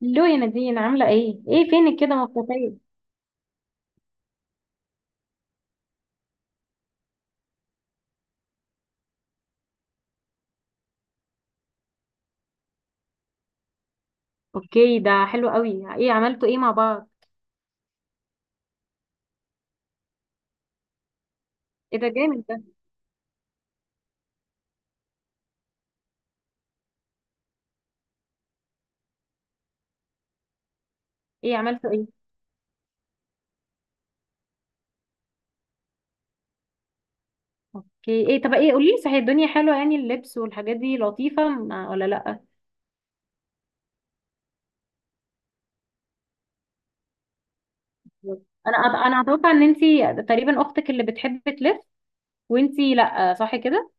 لو يا نادين، عاملة ايه؟ ايه فينك كده مختفية؟ اوكي، ده حلو قوي. ايه عملتوا ايه مع بعض؟ ايه ده جامد ده. ايه عملتوا ايه؟ اوكي. ايه، طب ايه، قوليلي صحيح، الدنيا حلوة يعني اللبس والحاجات دي لطيفة ولا لأ؟ انا انا اتوقع ان انتي تقريبا اختك اللي بتحب تلف، وانتي لأ، صح كده؟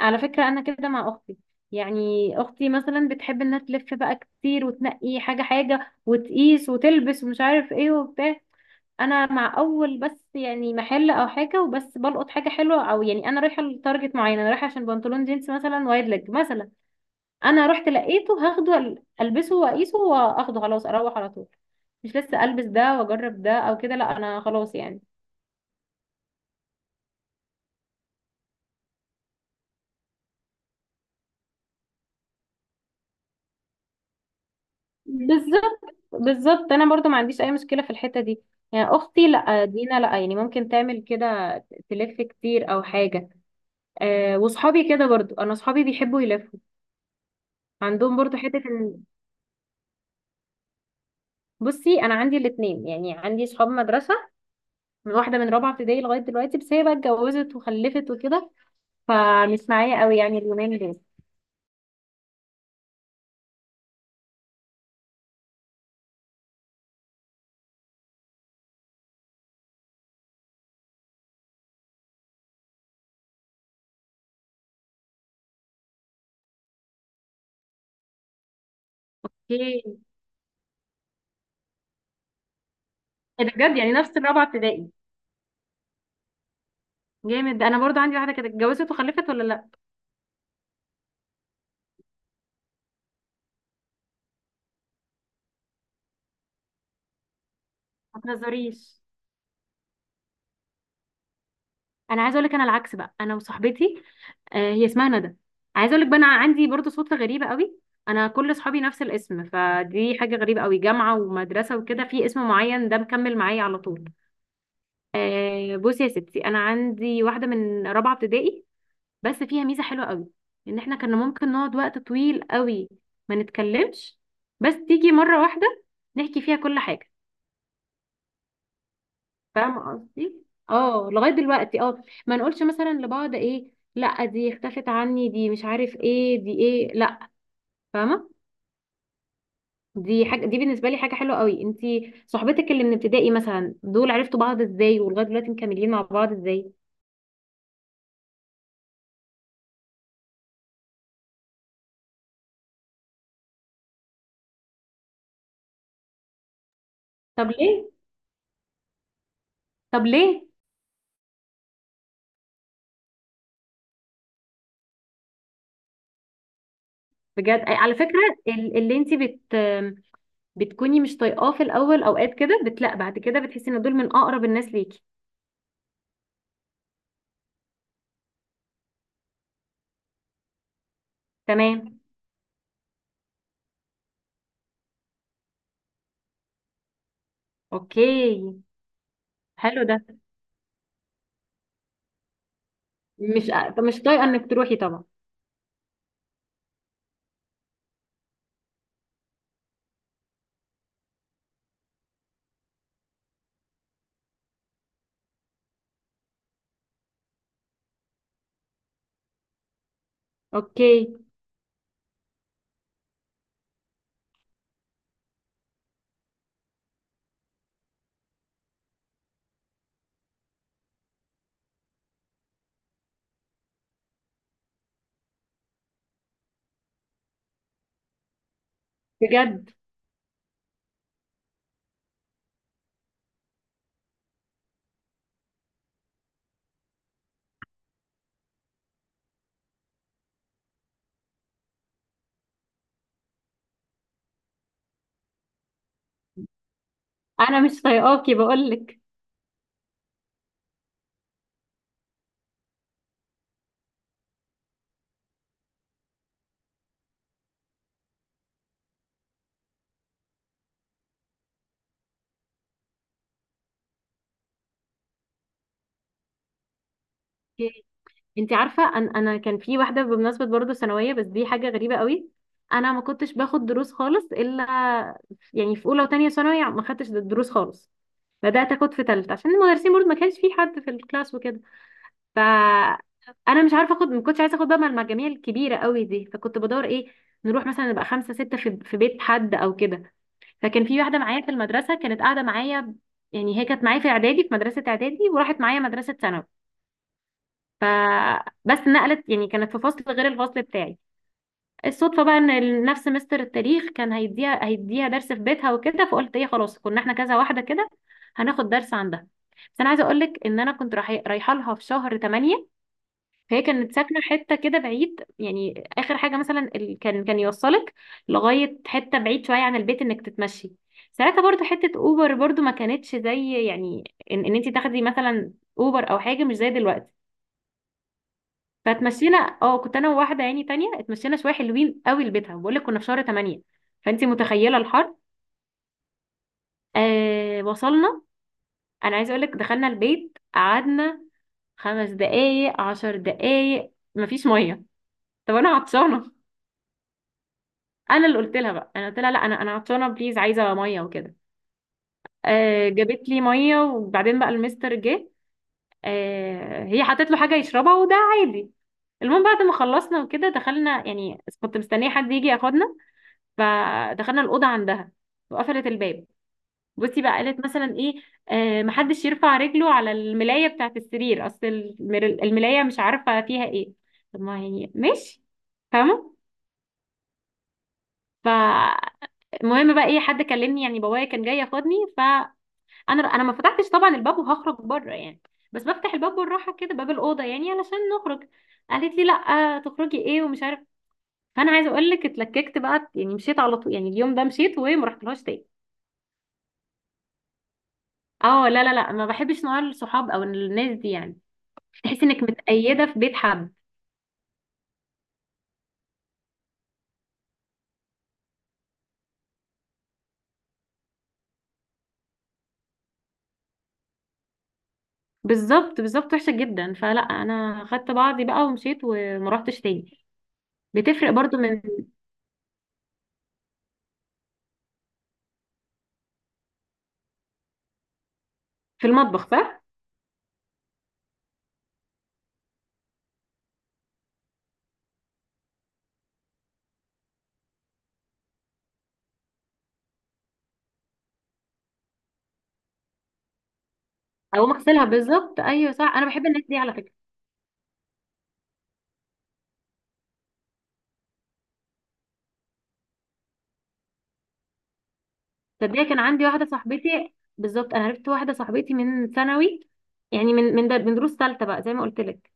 على فكرة انا كده مع اختي. يعني اختي مثلا بتحب انها تلف بقى كتير وتنقي حاجة حاجة وتقيس وتلبس ومش عارف ايه وبتاع. انا مع اول بس، يعني محل او حاجه وبس بلقط حاجه حلوه، او يعني انا رايحه لتارجت معين، انا رايحه عشان بنطلون جينز مثلا، وايد ليج مثلا. انا رحت لقيته هاخده، البسه واقيسه واخده خلاص اروح على طول. مش لسه البس ده واجرب ده او كده، لا انا خلاص يعني. بالظبط بالظبط، انا برضو ما عنديش اي مشكله في الحته دي. يعني اختي لا، دينا لا، يعني ممكن تعمل كده، تلف كتير او حاجه. أه وصحابي كده برضو، انا صحابي بيحبوا يلفوا، عندهم برضو حته. بصي انا عندي الاثنين، يعني عندي صحاب مدرسه من واحده من رابعه ابتدائي لغايه دلوقتي، بس هي بقى اتجوزت وخلفت وكده، فمش معايا قوي يعني اليومين دول. اوكي. ايه ده بجد، يعني نفس الرابعه ابتدائي. جامد. انا برضو عندي واحده كانت اتجوزت وخلفت، ولا لا. ما تهزريش. انا عايزه اقول لك انا العكس بقى، انا وصاحبتي، آه هي اسمها ندى. عايزه اقول لك بقى انا عندي برضو صدفه غريبه قوي. انا كل صحابي نفس الاسم، فدي حاجه غريبه قوي، جامعه ومدرسه وكده، في اسم معين ده مكمل معايا على طول. آه بصي يا ستي، انا عندي واحده من رابعه ابتدائي، بس فيها ميزه حلوه قوي. ان احنا كنا ممكن نقعد وقت طويل قوي ما نتكلمش، بس تيجي مره واحده نحكي فيها كل حاجه. فاهمه قصدي. اه لغايه دلوقتي، اه ما نقولش مثلا لبعض ايه، لا دي اختفت عني، دي مش عارف ايه، دي ايه، لا. فاهمه. دي حاجه، دي بالنسبه لي حاجه حلوه قوي. انتي صحبتك اللي من ابتدائي مثلا، دول عرفتوا بعض ازاي، ولغايه دلوقتي مكملين مع بعض ازاي؟ طب ليه؟ طب ليه؟ بجد على فكرة ال- اللي انت بت بتكوني مش طايقاه في الاول، اوقات كده بتلاقي بعد كده بتحسي ان دول من اقرب الناس ليكي. تمام. اوكي. حلو ده. مش مش طايقة انك تروحي طبعا. اوكي. بجد. انا مش طايقاكي بقول لك. انت عارفة أن انا كان في واحدة بمناسبة برضه ثانوية، بس دي حاجة غريبة قوي. انا ما كنتش باخد دروس خالص، الا يعني في اولى وتانية ثانوي ما خدتش دروس خالص، بدأت اخد في تالتة عشان المدرسين برضه ما كانش في حد في الكلاس وكده. ف انا مش عارفه اخد، ما كنتش عايزه اخد بقى مع المجاميع الكبيره قوي دي، فكنت بدور ايه، نروح مثلا نبقى خمسه سته في بيت حد او كده. فكان في واحده معايا في المدرسه كانت قاعده معايا. يعني هي كانت معايا في اعدادي، في مدرسه اعدادي، وراحت معايا مدرسه ثانوي. فبس نقلت، يعني كانت في فصل غير الفصل بتاعي. الصدفه بقى ان نفس مستر التاريخ كان هيديها درس في بيتها وكده، فقلت ايه خلاص، كنا احنا كذا واحده كده هناخد درس عندها. بس انا عايزه اقول لك ان انا رايحه لها في شهر 8. فهي كانت ساكنة حتة كده بعيد، يعني آخر حاجة مثلا كان يوصلك لغاية حتة بعيد شوية عن البيت إنك تتمشي. ساعتها برضو حتة أوبر برضو ما كانتش زي، يعني إن أنت تاخدي مثلا أوبر أو حاجة مش زي دلوقتي. فاتمشينا، اه كنت أنا وواحدة يعني تانية، اتمشينا شوية حلوين قوي لبيتها. بقول لك كنا في شهر 8 فأنت متخيلة الحر. آه وصلنا. أنا عايزة أقول لك دخلنا البيت قعدنا خمس دقايق عشر دقايق مفيش مية. طب أنا عطشانة. انا اللي قلت لها بقى، انا قلت لها لا انا عطشانه بليز عايزه ميه وكده. آه جابت لي ميه، وبعدين بقى المستر جه. آه هي حطت له حاجه يشربها، وده عادي. المهم بعد ما خلصنا وكده دخلنا، يعني كنت مستنيه حد يجي ياخدنا. فدخلنا الاوضه عندها وقفلت الباب. بصي بقى قالت مثلا ايه، آه محدش يرفع رجله على الملايه بتاعه السرير، اصل الملايه مش عارفه فيها ايه. طب ما يعني ماشي. فاهمه. ف المهم بقى، ايه حد كلمني، يعني بابايا كان جاي ياخدني. فانا، انا ما فتحتش طبعا الباب وهخرج بره يعني، بس بفتح الباب بالراحه كده باب الاوضه يعني علشان نخرج. قالت لي لا تخرجي ايه ومش عارف. فانا عايزه اقول لك اتلككت بقى، يعني مشيت على طول، يعني اليوم ده مشيت وما رحتلهاش تاني. اه لا لا لا، ما بحبش نوع الصحاب او الناس دي يعني، تحس انك متقيده في بيت حد. بالظبط بالظبط وحشه جدا، فلا انا خدت بعضي بقى ومشيت وما رحتش تاني. بتفرق برضو من. في المطبخ صح. اقوم اغسلها بالظبط ايوه صح، انا بحب الناس دي على فكره. تصدقي كان عندي واحده صاحبتي بالظبط، انا عرفت واحده صاحبتي من ثانوي، يعني من دروس ثالثه بقى زي ما قلت لك.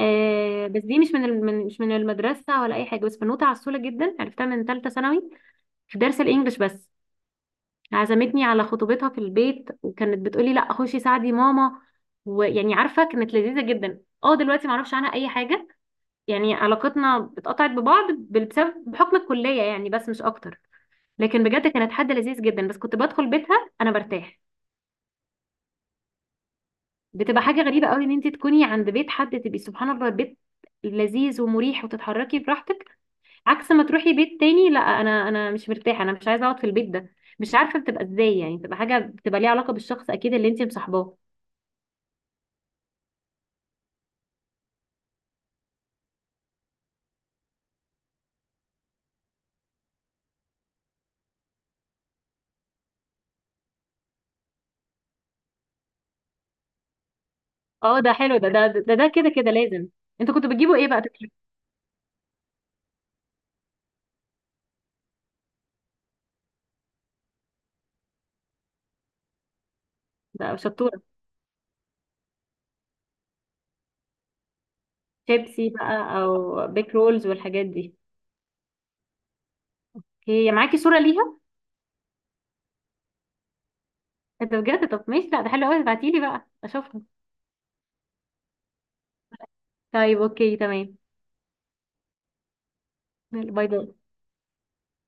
آه بس دي مش من المدرسه ولا اي حاجه، بس بنوته عسوله جدا، عرفتها من ثالثه ثانوي في درس الانجليش بس. عزمتني على خطوبتها في البيت، وكانت بتقولي لا خشي ساعدي ماما. ويعني عارفه كانت لذيذه جدا. اه دلوقتي معرفش عنها اي حاجه، يعني علاقتنا اتقطعت ببعض بسبب بحكم الكليه يعني، بس مش اكتر. لكن بجد كانت حد لذيذ جدا، بس كنت بدخل بيتها انا برتاح. بتبقى حاجه غريبه قوي ان انت تكوني عند بيت حد، تبقي سبحان الله بيت لذيذ ومريح وتتحركي براحتك. عكس ما تروحي بيت تاني، لا انا، انا مش مرتاحه، انا مش عايزه اقعد في البيت ده، مش عارفه بتبقى ازاي. يعني بتبقى حاجه بتبقى ليها علاقه بالشخص اكيد اللي انت مصاحباه. اه ده حلو ده, كده كده لازم. انتوا كنتوا بتجيبوا ايه بقى تاكلوا؟ ده شطوره. شيبسي بقى او بيك رولز والحاجات دي. هي معاكي صوره ليها؟ انت بجد؟ طب ماشي، لا ده حلو قوي، ابعتيلي بقى اشوفها. طيب اوكي تمام. باي باي.